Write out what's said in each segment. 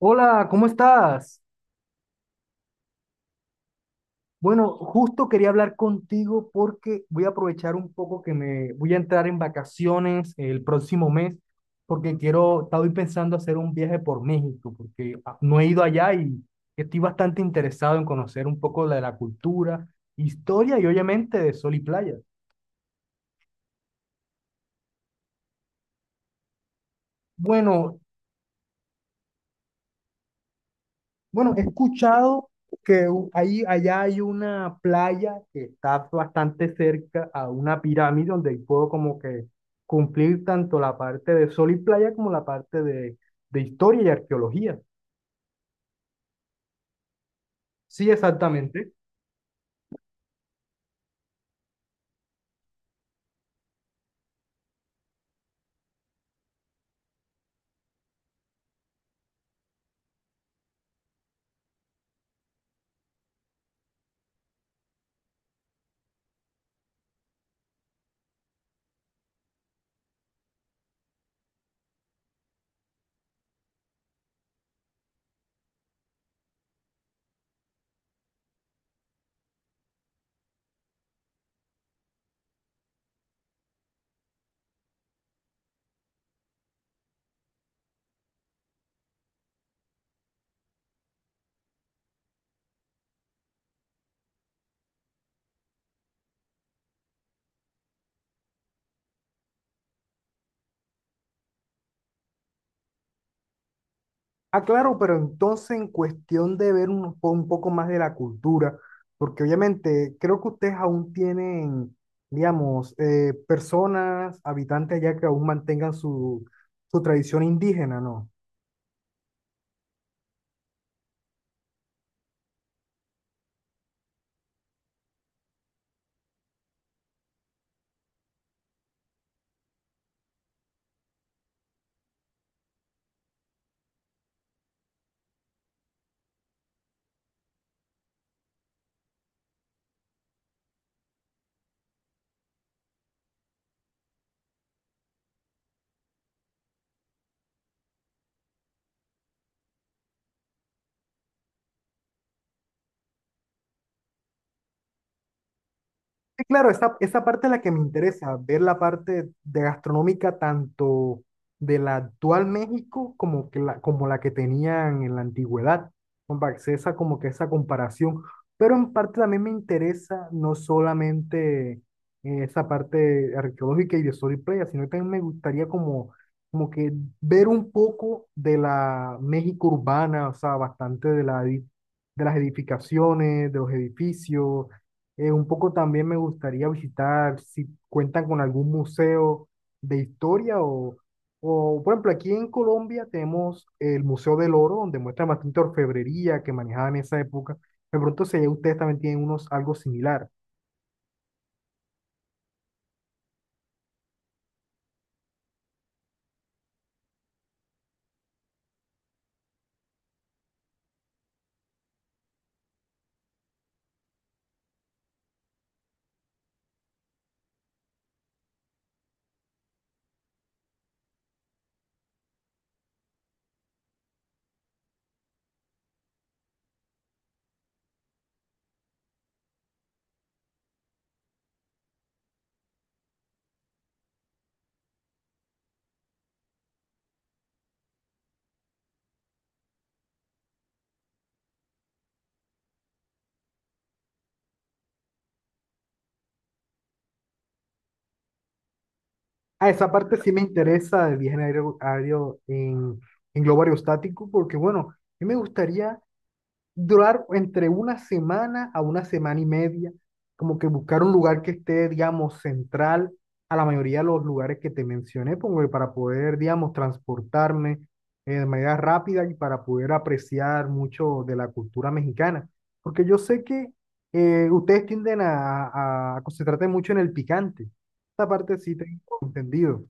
Hola, ¿cómo estás? Bueno, justo quería hablar contigo porque voy a aprovechar un poco que me voy a entrar en vacaciones el próximo mes porque quiero, estoy pensando hacer un viaje por México porque no he ido allá y estoy bastante interesado en conocer un poco de la cultura, historia y obviamente de sol y playa. Bueno, Bueno, he escuchado que ahí, allá hay una playa que está bastante cerca a una pirámide donde puedo como que cumplir tanto la parte de sol y playa como la parte de historia y arqueología. Sí, exactamente. Ah, claro, pero entonces en cuestión de ver un, un poco más de la cultura, porque obviamente creo que ustedes aún tienen, digamos, personas, habitantes allá que aún mantengan su, su tradición indígena, ¿no? Sí, claro, esa parte es la que me interesa, ver la parte de gastronómica tanto de la actual México como, que la, como la que tenían en la antigüedad, como para hacer esa, como que esa comparación. Pero en parte también me interesa no solamente esa parte arqueológica y de Soriplaya, sino que también me gustaría como, como que ver un poco de la México urbana, o sea, bastante de, la, de las edificaciones, de los edificios un poco también me gustaría visitar si cuentan con algún museo de historia o, por ejemplo, aquí en Colombia tenemos el Museo del Oro, donde muestran bastante orfebrería que manejaban en esa época. De pronto, si allá ustedes también tienen unos, algo similar. Ah, esa parte sí me interesa del viaje en aéreo, aéreo en globo aerostático, porque bueno, a mí me gustaría durar entre una semana a una semana y media, como que buscar un lugar que esté, digamos, central a la mayoría de los lugares que te mencioné, como que para poder, digamos, transportarme de manera rápida y para poder apreciar mucho de la cultura mexicana. Porque yo sé que ustedes tienden a, a concentrarse mucho en el picante. Esta parte sí tengo entendido.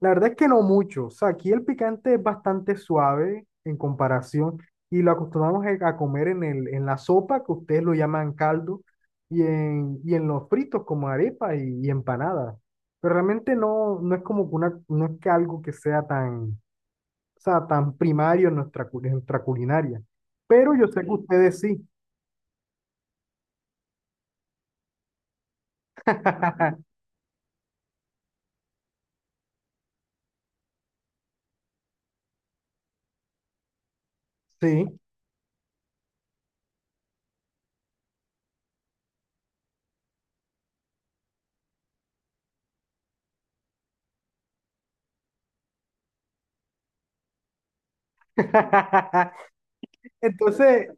La verdad es que no mucho. O sea, aquí el picante es bastante suave en comparación y lo acostumbramos a comer en el, en la sopa, que ustedes lo llaman caldo, y en los fritos como arepa y empanada. Pero realmente no, no es como que una, no es que algo que sea tan, o sea, tan primario en nuestra, en nuestra culinaria. Pero yo sé que sí. Ustedes sí. Sí. Entonces,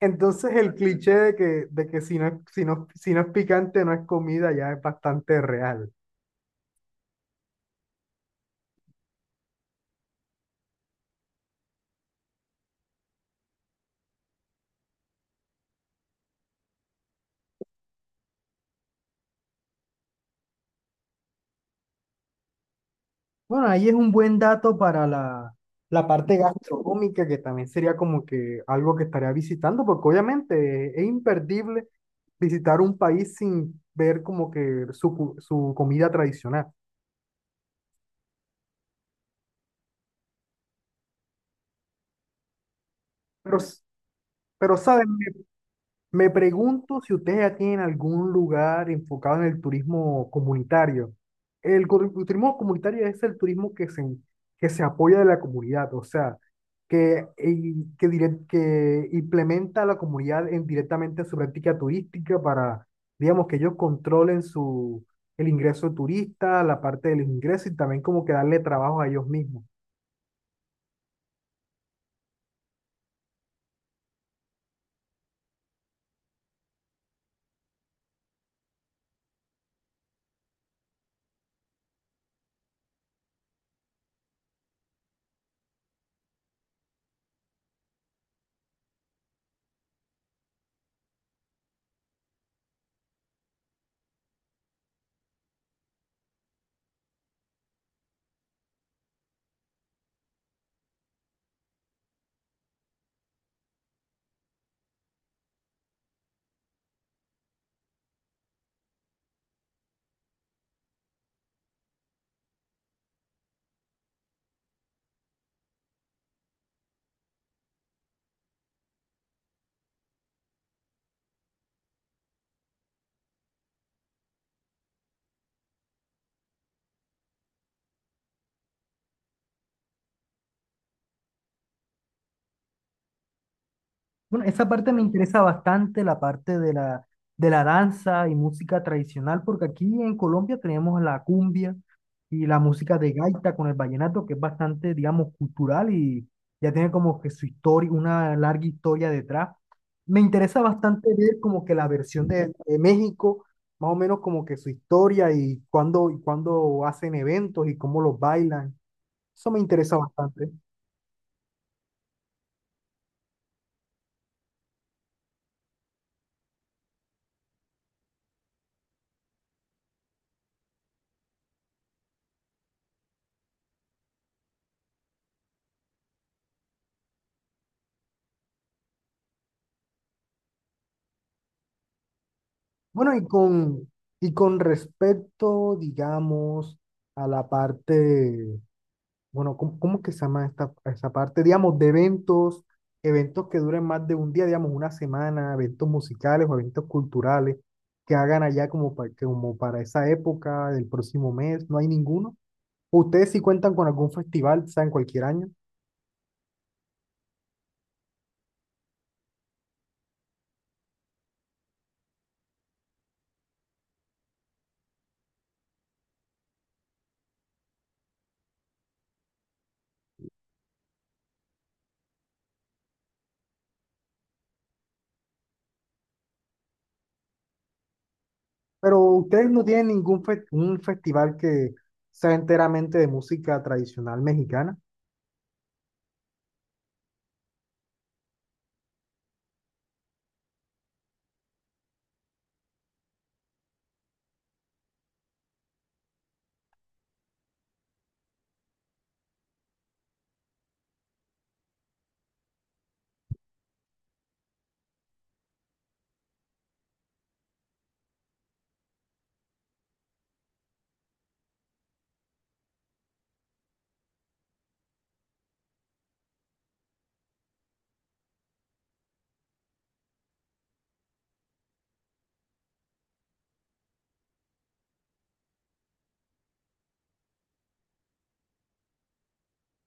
Entonces, el cliché de que si no, si no, si no es picante no es comida ya es bastante real. Bueno, ahí es un buen dato para la, la parte gastronómica, que también sería como que algo que estaría visitando, porque obviamente es imperdible visitar un país sin ver como que su, su comida tradicional. Pero, pero ¿sabes? Me pregunto si ustedes ya tienen algún lugar enfocado en el turismo comunitario. El, el turismo comunitario es el turismo que se apoya de la comunidad, o sea, que, que, que implementa a la comunidad en, directamente su práctica turística para, digamos, que ellos controlen su, el ingreso turista, la parte del ingreso y también como que darle trabajo a ellos mismos. Bueno, esa parte me interesa bastante, la parte de la danza y música tradicional, porque aquí en Colombia tenemos la cumbia y la música de gaita con el vallenato, que es bastante, digamos, cultural y ya tiene como que su historia, una larga historia detrás. Me interesa bastante ver como que la versión de México, más o menos como que su historia y cuándo hacen eventos y cómo los bailan. Eso me interesa bastante. Bueno, y con respecto, digamos, a la parte, bueno, ¿cómo, cómo que se llama esta, esa parte? Digamos, de eventos, eventos que duren más de un día, digamos, una semana, eventos musicales o eventos culturales que hagan allá como para, como para esa época del próximo mes, no hay ninguno. Ustedes sí cuentan con algún festival, sea en cualquier año, pero ustedes no tienen ningún un festival que sea enteramente de música tradicional mexicana.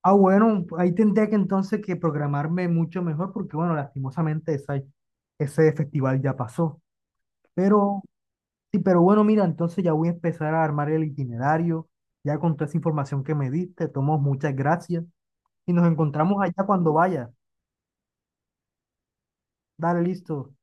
Ah, bueno, ahí tendría que entonces que programarme mucho mejor porque, bueno, lastimosamente ese festival ya pasó. Pero, sí, pero bueno, mira, entonces ya voy a empezar a armar el itinerario, ya con toda esa información que me diste, tomo muchas gracias y nos encontramos allá cuando vaya. Dale, listo.